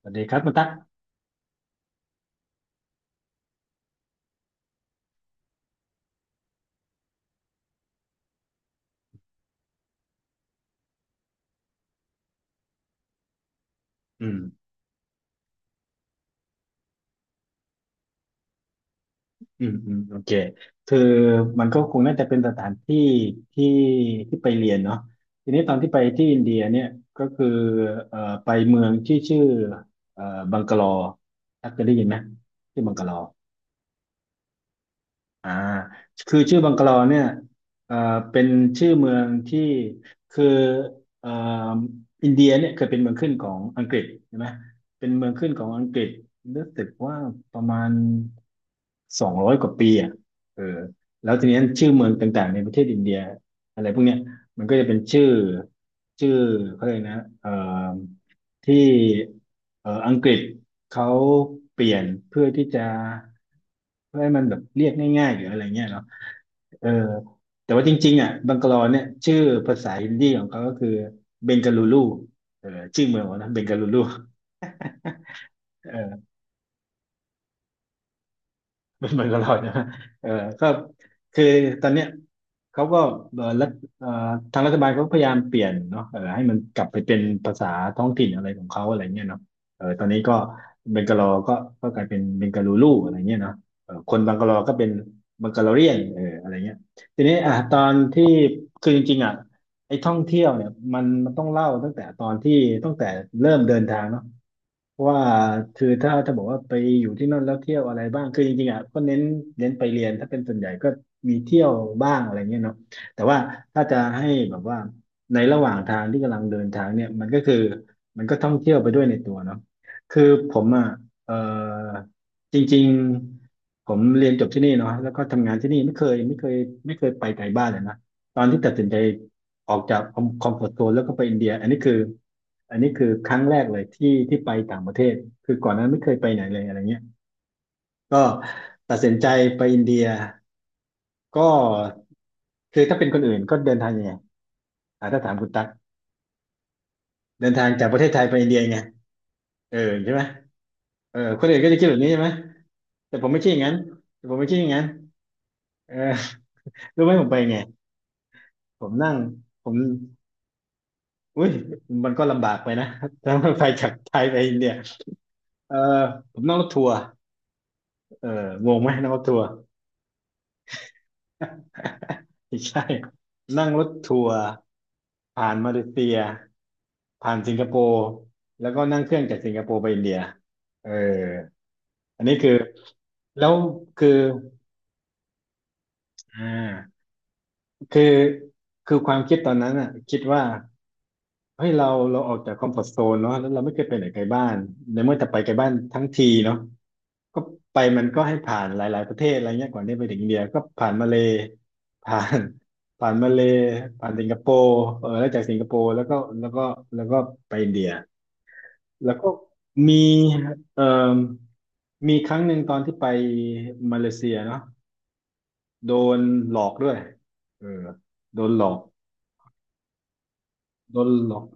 สวัสดีครับคุณตั๊กอืมอืมโอเคคือมันก็คงน่าจะเป็นสถานที่ที่ที่ไปเรียนเนาะทีนี้ตอนที่ไปที่อินเดียเนี่ยก็คือไปเมืองที่ชื่อเอ่อบังกะลอตั๊กเคยได้ยินไหมชื่อบังกะลออ่าคือชื่อบังกะลอเนี่ยเอ่อเป็นชื่อเมืองที่คือเอ่ออินเดียเนี่ยเคยเป็นเมืองขึ้นของอังกฤษใช่ไหมเป็นเมืองขึ้นของอังกฤษรู้สึกว่าประมาณ สองร้อยกว่าปีอ่ะเออแล้วทีนี้ชื่อเมืองต่างๆในประเทศอินเดียอะไรพวกเนี้ยมันก็จะเป็นชื่อเขาเลยกนะเอ่อที่อังกฤษเขาเปลี่ยนเพื่อที่จะเพื่อให้มันแบบเรียกง่ายๆหรืออะไรเงี้ยเนาะเออแต่ว่าจริงๆอ่ะบังกลอเนี่ยชื่อภาษาฮินดีของเขาก็คือเบงกาลูรูเออชื่อเมืองเขานะเบงกาลูรู เป็นเหมือนกับเราใช่ไหมเออก็คือตอนเนี้ยเขาก็เออรัฐเอ่อทางรัฐบาลเขาก็พยายามเปลี่ยนเนาะเออให้มันกลับไปเป็นภาษาท้องถิ่นอะไรของเขาอะไรเงี้ยเนาะเออตอนนี้ก็เบงกาลอก็ก็กลายเป็นเบงกาลูรูอะไรเงี้ยเนาะเออคนบังกาลอก็เป็นบังกาลอเรียนเอออะไรเงี้ยทีนี้อ่ะตอนที่คือจริงๆอ่ะไอ้ท่องเที่ยวเนี่ยมันต้องเล่าตั้งแต่ตอนที่ตั้งแต่เริ่มเดินทางเนาะ ว่าคือถ้าบอกว่าไปอยู่ที่นั่นแล้วเที่ยวอะไรบ้างคือจริงๆอ่ะก็เน้นไปเรียนถ้าเป็นส่วนใหญ่ก็มีเที่ยวบ้างอะไรเงี้ยเนาะแต่ว่าถ้าจะให้แบบว่าในระหว่างทางที่กำลังเดินทางเนี่ยมันก็คือมันก็ท่องเที่ยวไปด้วยในตัวเนาะคือผมอ่ะเออจริงๆผมเรียนจบที่นี่เนาะแล้วก็ทำงานที่นี่ไม่เคยไปไกลบ้านเลยนะตอนที่ตัดสินใจ ออกจากคอมฟอร์ตโซนแล้วก็ไปอินเดียอันนี้คือครั้งแรกเลยที่ไปต่างประเทศคือก่อนหน้านั้นไม่เคยไปไหนเลยอะไรเงี้ยก็ตัดสินใจไปอินเดียก็คือถ้าเป็นคนอื่นก็เดินทางยังไงอ่าถ้าถามคุณตั๊กเดินทางจากประเทศไทยไปอินเดียยังไงเออใช่ไหมเออคนอื่นก็จะคิดแบบนี้ใช่ไหมแต่ผมไม่ใช่อย่างนั้นแต่ผมไม่ใช่อย่างนั้นเออรู้ไหมผมไปไงผมนั่งผมอุ้ยมันก็ลำบากไปนะ ถ้าไปจากไทยไปอินเดียเออผมนั่งรถทัวร์ เอองงไหมนั่งรถทัวร์ ไม่ใช่นั่งรถทัวร์ผ่านมาเลเซียผ่านสิงคโปร์แล้วก็นั่งเครื่องจากสิงคโปร์ไปอินเดียเอออันนี้คือแล้วคืออ่าคือคือความคิดตอนนั้นอ่ะคิดว่าเฮ้ยเราเราออกจากคอมฟอร์ z โซนเนาะแล้วเราไม่เคยไปไหนไกลบ้านในเมื่อจะไปไกลบ้านทั้งทีเนาะ ก็ไปมันก็ให้ผ่านหลายๆประเทศอะไรเงี้ยก่อนที่ไปถึงอินเดียก็ผ่านมาเลย์ผ่าน ผ่านมาเลย์ผ่านสิงคโปร์เออแล้วจากสิงคโปร์แล้วก็แล้วก็ไปอินเดียแล้วก็มีเอ่อมีครั้งหนึ่งตอนที่ไปมาเลเซียเนาะโดนหลอกด้วยเออโดนหลอกโดนหลอก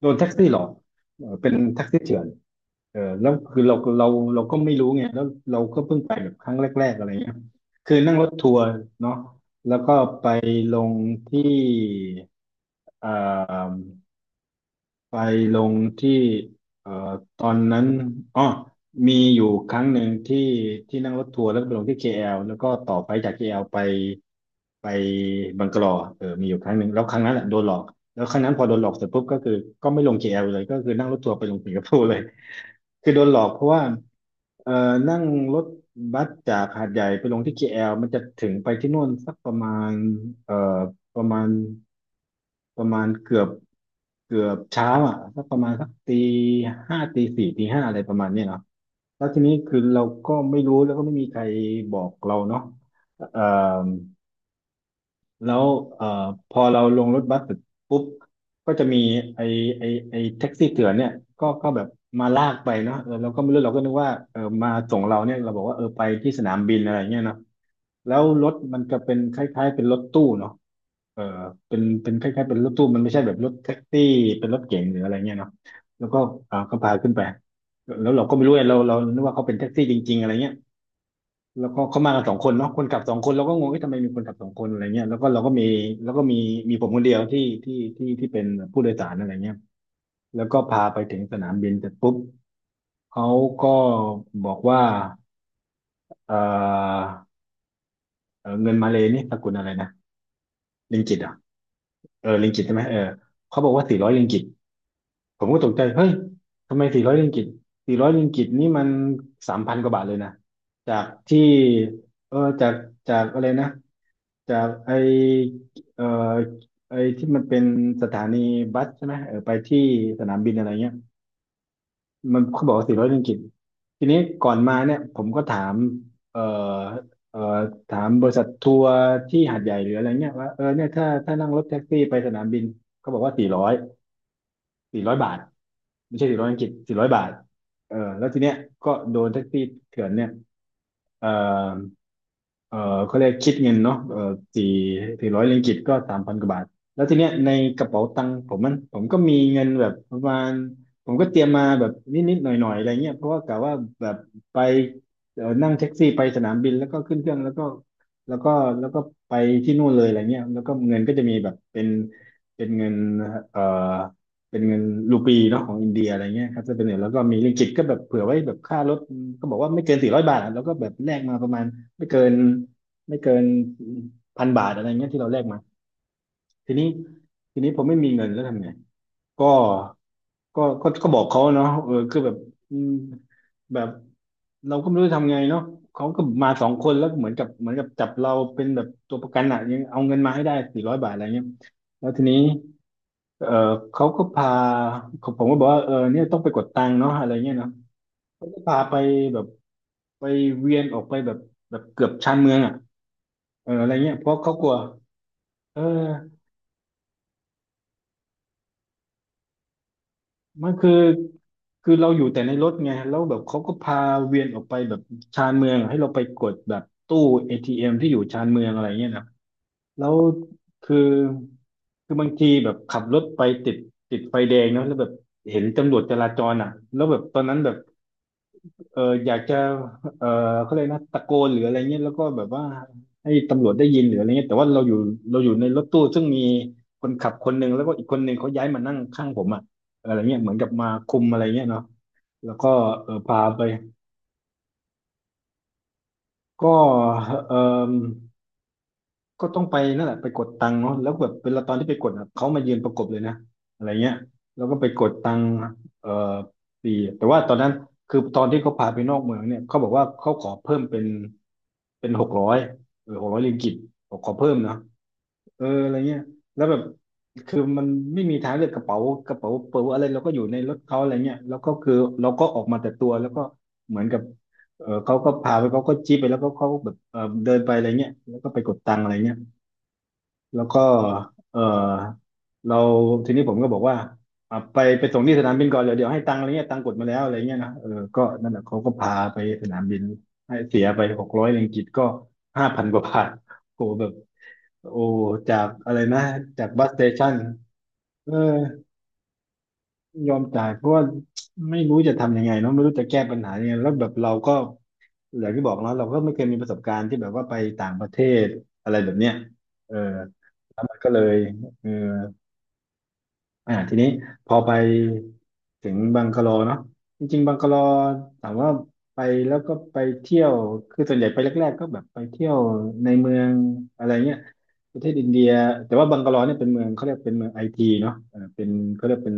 โดนแท็กซี่หลอกเออเป็นแท็กซี่เถื่อน เออแล้วคือเราเราก็ไม่รู้ไงแล้วเราก็เพิ่งไปแบบครั้งแรกๆอะไรเงี้ยคือนั่งรถทัวร์เนาะแล้วก็ไปลงที่เอ่อ ไปลงที่เอ่อตอนนั้นอ๋อมีอยู่ครั้งหนึ่งที่นั่งรถทัวร์แล้วก็ไปลงที่ KL แอลแล้วก็ต่อไปจาก KL ไปบังกะลอเออมีอยู่ครั้งหนึ่งแล้วครั้งนั้นแหละโดนหลอกแล้วครั้งนั้นพอโดนหลอกเสร็จปุ๊บก็คือก็ไม่ลง KL เลยก็คือนั่งรถทัวร์ไปลงสิงคโปร์เลย คือโดนหลอกเพราะว่าเอ่อนั่งรถบัสจากหาดใหญ่ไปลงที่ KL มันจะถึงไปที่นู่นสักประมาณเอ่อ ประมาณประมาณเกือบเช้าอ่ะสักประมาณสักตีสี่ตีห้าอะไรประมาณเนี้ยเนาะแล้วทีนี้คือเราก็ไม่รู้แล้วก็ไม่มีใครบอกเราเนาะเอ่อ แล้วเอ่อพอเราลงรถบัสเสร็จปุ๊บก็จะมีไอ้ไอ้แท็กซี่เถื่อนเนี่ยก็แบบมาลากไปเนาะเออเราก็ไม่รู้เราก็นึกว่าเออมาส่งเราเนี่ยเราบอกว่าเออไปที่สนามบินอะไรเงี้ยเนาะแล้วรถมันก็เป็นคล้ายๆเป็นรถตู้เนาะเออเป็นคล้ายๆเป็นรถตู้มันไม่ใช่แบบรถแท็กซี่เป็นรถเก๋งหรืออะไรเงี้ยเนาะแล้วก็เออก็พาขึ้นไปแล้วเราก็ไม่รู้ไงเรานึกว่าเขาเป็นแท็กซี่จริงๆอะไรเงี้ย แล้วก็เขามากันสองคนเนาะคนขับสองคนเราก็งงว่าทำไมมีคนขับสองคนอะไรเงี้ยแล้วก็เราก็มีแล้วก็มีมีผมคนเดียวที่เป็นผู้โดยสารอะไรเงี้ยแล้วก็พาไปถึงสนามบินเสร็จปุ๊บเขาก็บอกว่าเออเงินมาเลย์นี่สกุลอะไรนะริงกิตอ่ะเออริงกิตใช่ไหมเออเขาบอกว่าสี่ร้อยริงกิต ผมก็ตกใจเฮ้ยทำไมสี่ร้อยริงกิตสี่ร้อยริงกิตนี่มันสามพันกว่าบาทเลยนะจากที่เออจากอะไรนะจากไอเออไอที่มันเป็นสถานีบัสใช่ไหมเออไปที่สนามบินอะไรเงี้ยมันเขาบอกว่าสี่ร้อยริงกิตทีนี้ก่อนมาเนี่ยผมก็ถามเออเออถามบริษัททัวร์ที่หาดใหญ่หรืออะไรเงี้ยว่าเออเนี่ยถ้านั่งรถแท็กซี่ไปสนามบินเขาบอกว่าสี่ร้อยบาท ไม่ใช่สี่ร้อยอังกฤษ400 บาทเออแล้วทีเนี้ยก็โดนแท็กซี่เถื่อนเนี่ยเออเออเขาเรียกคิดเงินเนาะเออสี่สี่ร้อยริงกิตก็สามพันกว่าบาทแล้วทีเนี้ยในกระเป๋าตังค์ผมมันผมก็มีเงินแบบประมาณผมก็เตรียมมาแบบนิดๆหน่อยๆอะไรเงี้ยเพราะว่ากะว่าแบบไปเออนั่งแท็กซี่ไปสนามบินแล้วก็ขึ้นเครื่องแล้วก็แล้วก็ไปที่นู่นเลยอะไรเงี้ยแล้วก็เงินก็จะมีแบบเป็นเงินเอ่อ เป็นเงินรูปีเนาะของอินเดียอะไรเงี้ยครับจะเป็นเหรียญแล้วก็มีริงกิตก็แบบเผื่อไว้แบบค่ารถก็บอกว่าไม่เกินสี่ร้อยบาทอะแล้วก็แบบแลกมาประมาณไม่เกินไม่เกิน1,000 บาทอะไรเงี้ยที่เราแลกมาทีนี้ทีนี้ผมไม่มีเงินแล้วทำไงก็ก็บอกเขาเนาะเออคือแบบอืมแบบเราก็ไม่รู้จะทำไงเนาะเขาก็มาสองคนแล้วเหมือนกับจับเราเป็นแบบตัวประกันอะยังเอาเงินมาให้ได้สี่ร้อยบาทอะไรเงี้ย แล้วทีนี้เออเขาก็พาผมก็บอกว่าเออเนี่ยต้องไปกดตังค์เนาะอะไรเงี้ยเนาะเขาก็พาไปแบบไปเวียนออกไปแบบเกือบชานเมืองอ่ะเอออะไรเงี้ยเพราะเขากลัวเออมันคือเราอยู่แต่ในรถไงแล้วแบบเขาก็พาเวียนออกไปแบบชานเมืองอะให้เราไปกดแบบตู้ATM ที่อยู่ชานเมืองอะไรเงี้ยนะแล้วคือบางทีแบบขับรถไปติดไฟแดงเนาะแล้วแบบเห็นตำรวจจราจรอ่ะแล้วแบบตอนนั้นแบบ เอออยากจะเออเขาเรียกนะตะโกนหรืออะไรเงี้ยแล้วก็แบบว่าให้ตำรวจได้ยินหรืออะไรเงี้ยแต่ว่าเราอยู่ในรถตู้ซึ่งมีคนขับคนหนึ่งแล้วก็อีกคนหนึ่งเขาย้ายมานั่งข้างผมอะอะไรเงี้ยเหมือนกับมาคุมอะไรเงี้ยเนาะแล้วก็เออพาไปก็เออก็ต้องไปนั่นแหละไปกดตังค์เนาะแล้วแบบเวลาตอนที่ไปกดอะเขามายืนประกบเลยนะอะไรเงี้ยแล้วก็ไปกดตังค์เออปีแต่ว่าตอนนั้นคือตอนที่เขาพาไปนอกเมืองเนี่ยเขาบอกว่าเขาขอเพิ่มเป็นหกร้อยเออ600 ริงกิตบอกขอเพิ่มเนาะเอออะไรเงี้ยแล้วแบบคือมันไม่มีทางเลือกกระเป๋าเป๋าอะไรเราก็อยู่ในรถเขาอะไรเงี้ยแล้วก็คือเราก็ออกมาแต่ตัวแล้วก็เหมือนกับเออเขาก็พาไปเขาก็จี้ไปแล้วก็เขาแบบเออเดินไปอะไรเงี้ยแล้วก็ไปกดตังค์อะไรเงี้ย แล้วก็เออเราทีนี้ผมก็บอกว่าอ่ะไปส่งที่สนามบินก่อน เดี๋ยวเดี๋ยวให้ตังค์อะไรเงี้ยตังค์กดมาแล้วอะไรเงี้ยนะเออก็นั่นแหละเขาก็พาไปสนามบินให้เสียไป600 ริงกิตก็5,000 กว่าบาทโหแบบโอ้จากอะไรนะจากบัสสเตชันเออยอมจ่ายเพราะว่าไม่รู้จะทำยังไงเนาะไม่รู้จะแก้ปัญหายังไงแล้วแบบเราก็อย่างที่บอกเนาะเราก็ไม่เคยมีประสบการณ์ที่แบบว่าไปต่างประเทศอะไรแบบเนี้ยเออแล้วมันก็เลยเออ ทีนี้พอไปถึงบังกะโลเนาะจริงๆบังกะโลถามว่าไปแล้วก็ไปเที่ยวคือส่วนใหญ่ไปแรกๆก็แบบไปเที่ยวในเมืองอะไรเงี้ยประเทศอินเดียแต่ว่าบังกะโลเนี่ยเป็นเมืองเขาเรียกเป็นเมืองไอทีเนาะเออเป็นเขาเรียกเป็น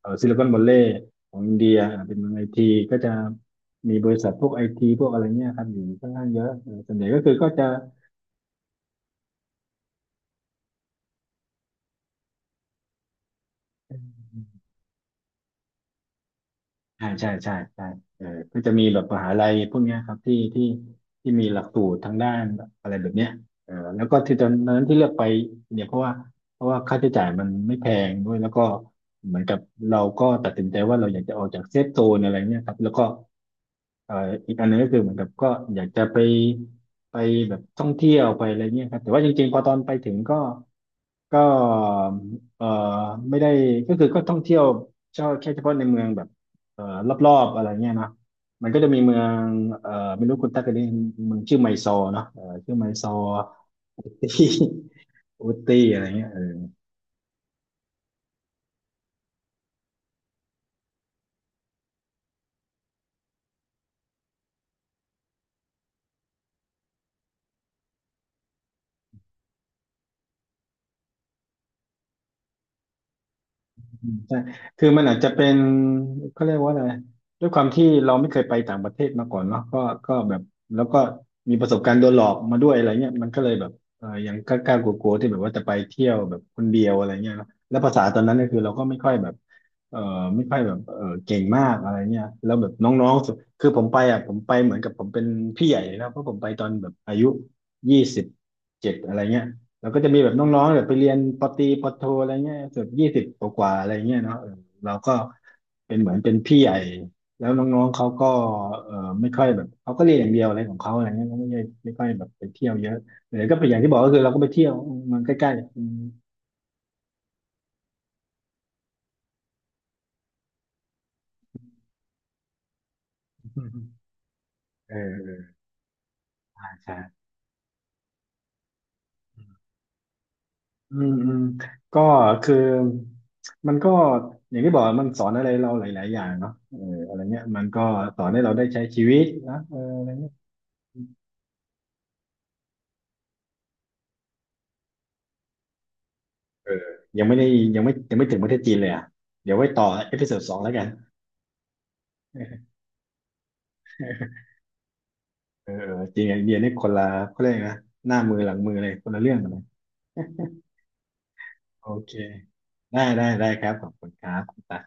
เออซิลิคอนวัลเลย์ของอินเดียเป็นเมืองไอทีก็จะมีบริษัทพวกไอทีพวกอะไรเงี้ยครับอยู่ค่อนข้างเยอะเออส่วนใหญ่ก็คือก็จะ ใช่ใช่ใช่ใช่เออก็จะมีแบบมหาลัยพวกเนี้ยครับที่มีหลักสูตรทางด้านอะไรแบบเนี้ยเออแล้วก็ที่ตอนนั้นที่เลือกไปเนี่ยเพราะว่าค่าใช้จ่ายมันไม่แพงด้วยแล้วก็เหมือนกับเราก็ตัดสินใจว่าเราอยากจะออกจากเซฟโซนอะไรเนี่ยครับแล้วก็เอ่ออีกอันหนึงก็คือเหมือนกับก็อยากจะไปไปแบบท่องเที่ยวไปอะไรเนี้ยครับแต่ว่าจริงๆพอตอนไปถึงก็ก็เอ่อไม่ได้ก็คือก็ท่องเที่ยวเฉพาะแค่เฉพาะในเมืองแบบ เอ่อรอบๆอะไรเงี้ยนะมันก็จะมีเมืองเอ่อไม่รู้คุณตั๊กเคยได้ยินเมืองชื่อไมซอร์เนาะชื่อไมซอร์ อุตตี้อะไรเงี้ย อืมใช่คือมันอาจจะเป็นเขาเรียกว่าอะไรด้วยความที่เราไม่เคยไปต่างประเทศมาก่อนเนาะก็ก็แบบแล้วก็มีประสบการณ์โดนหลอกมาด้วยอะไรเงี้ยมันก็เลยแบบเออยังกล้ากลัวๆที่แบบว่าจะไปเที่ยวแบบคนเดียวอะไรเงี้ยเนอะแล้วภาษาตอนนั้นก็คือเราก็ไม่ค่อยแบบเออไม่ค่อยแบบเออเก่งมากอะไรเงี้ยแล้วแบบน้องๆคือผมไปผมไปเหมือนกับผมเป็นพี่ใหญ่แล้วเพราะผมไปตอนแบบอายุ27อะไรเงี้ย แล้วก็จะมีแบบน้องๆแบบไปเรียนปตรีปโทอะไรเงี้ยแบบ20 กว่าๆอะไรเงี้ยเนาะเออเราก็เป็นเหมือนเป็นพี่ใหญ่แล้วน้องๆเขาก็เออไม่ค่อยแบบเขาก็เรียนอย่างเดียวอะไรของเขาอะไรเงี้ยเขาไม่ได้ไม่ค่อยแบบไปเที่ยวเยอะหรือก็เป็นอย่างที่บอกก็คือเราก็ไปเที่ยวอืมมันใกล้ๆอืมเออเออใช่ใช่อืมอืมอืมก็คือมันก็อย่างที่บอกมันสอนอะไรเราหลายๆอย่างเนาะเอออะไรเงี้ยมันก็สอนให้เราได้ใช้ชีวิตนะเอออะไรเงี้ย เออยังไม่ได้ยังไม่ถึงประเทศจีนเลยอ่ะเดี๋ยวไว้ต่อเอพิโซด 2แล้วกันเออเออจริงไอเดียนี่คนละเขาเรียกนะหน้ามือหลังมือเลยคนละเรื่องกันเลยโอเคได้ได้ได้ครับขอบคุณครับ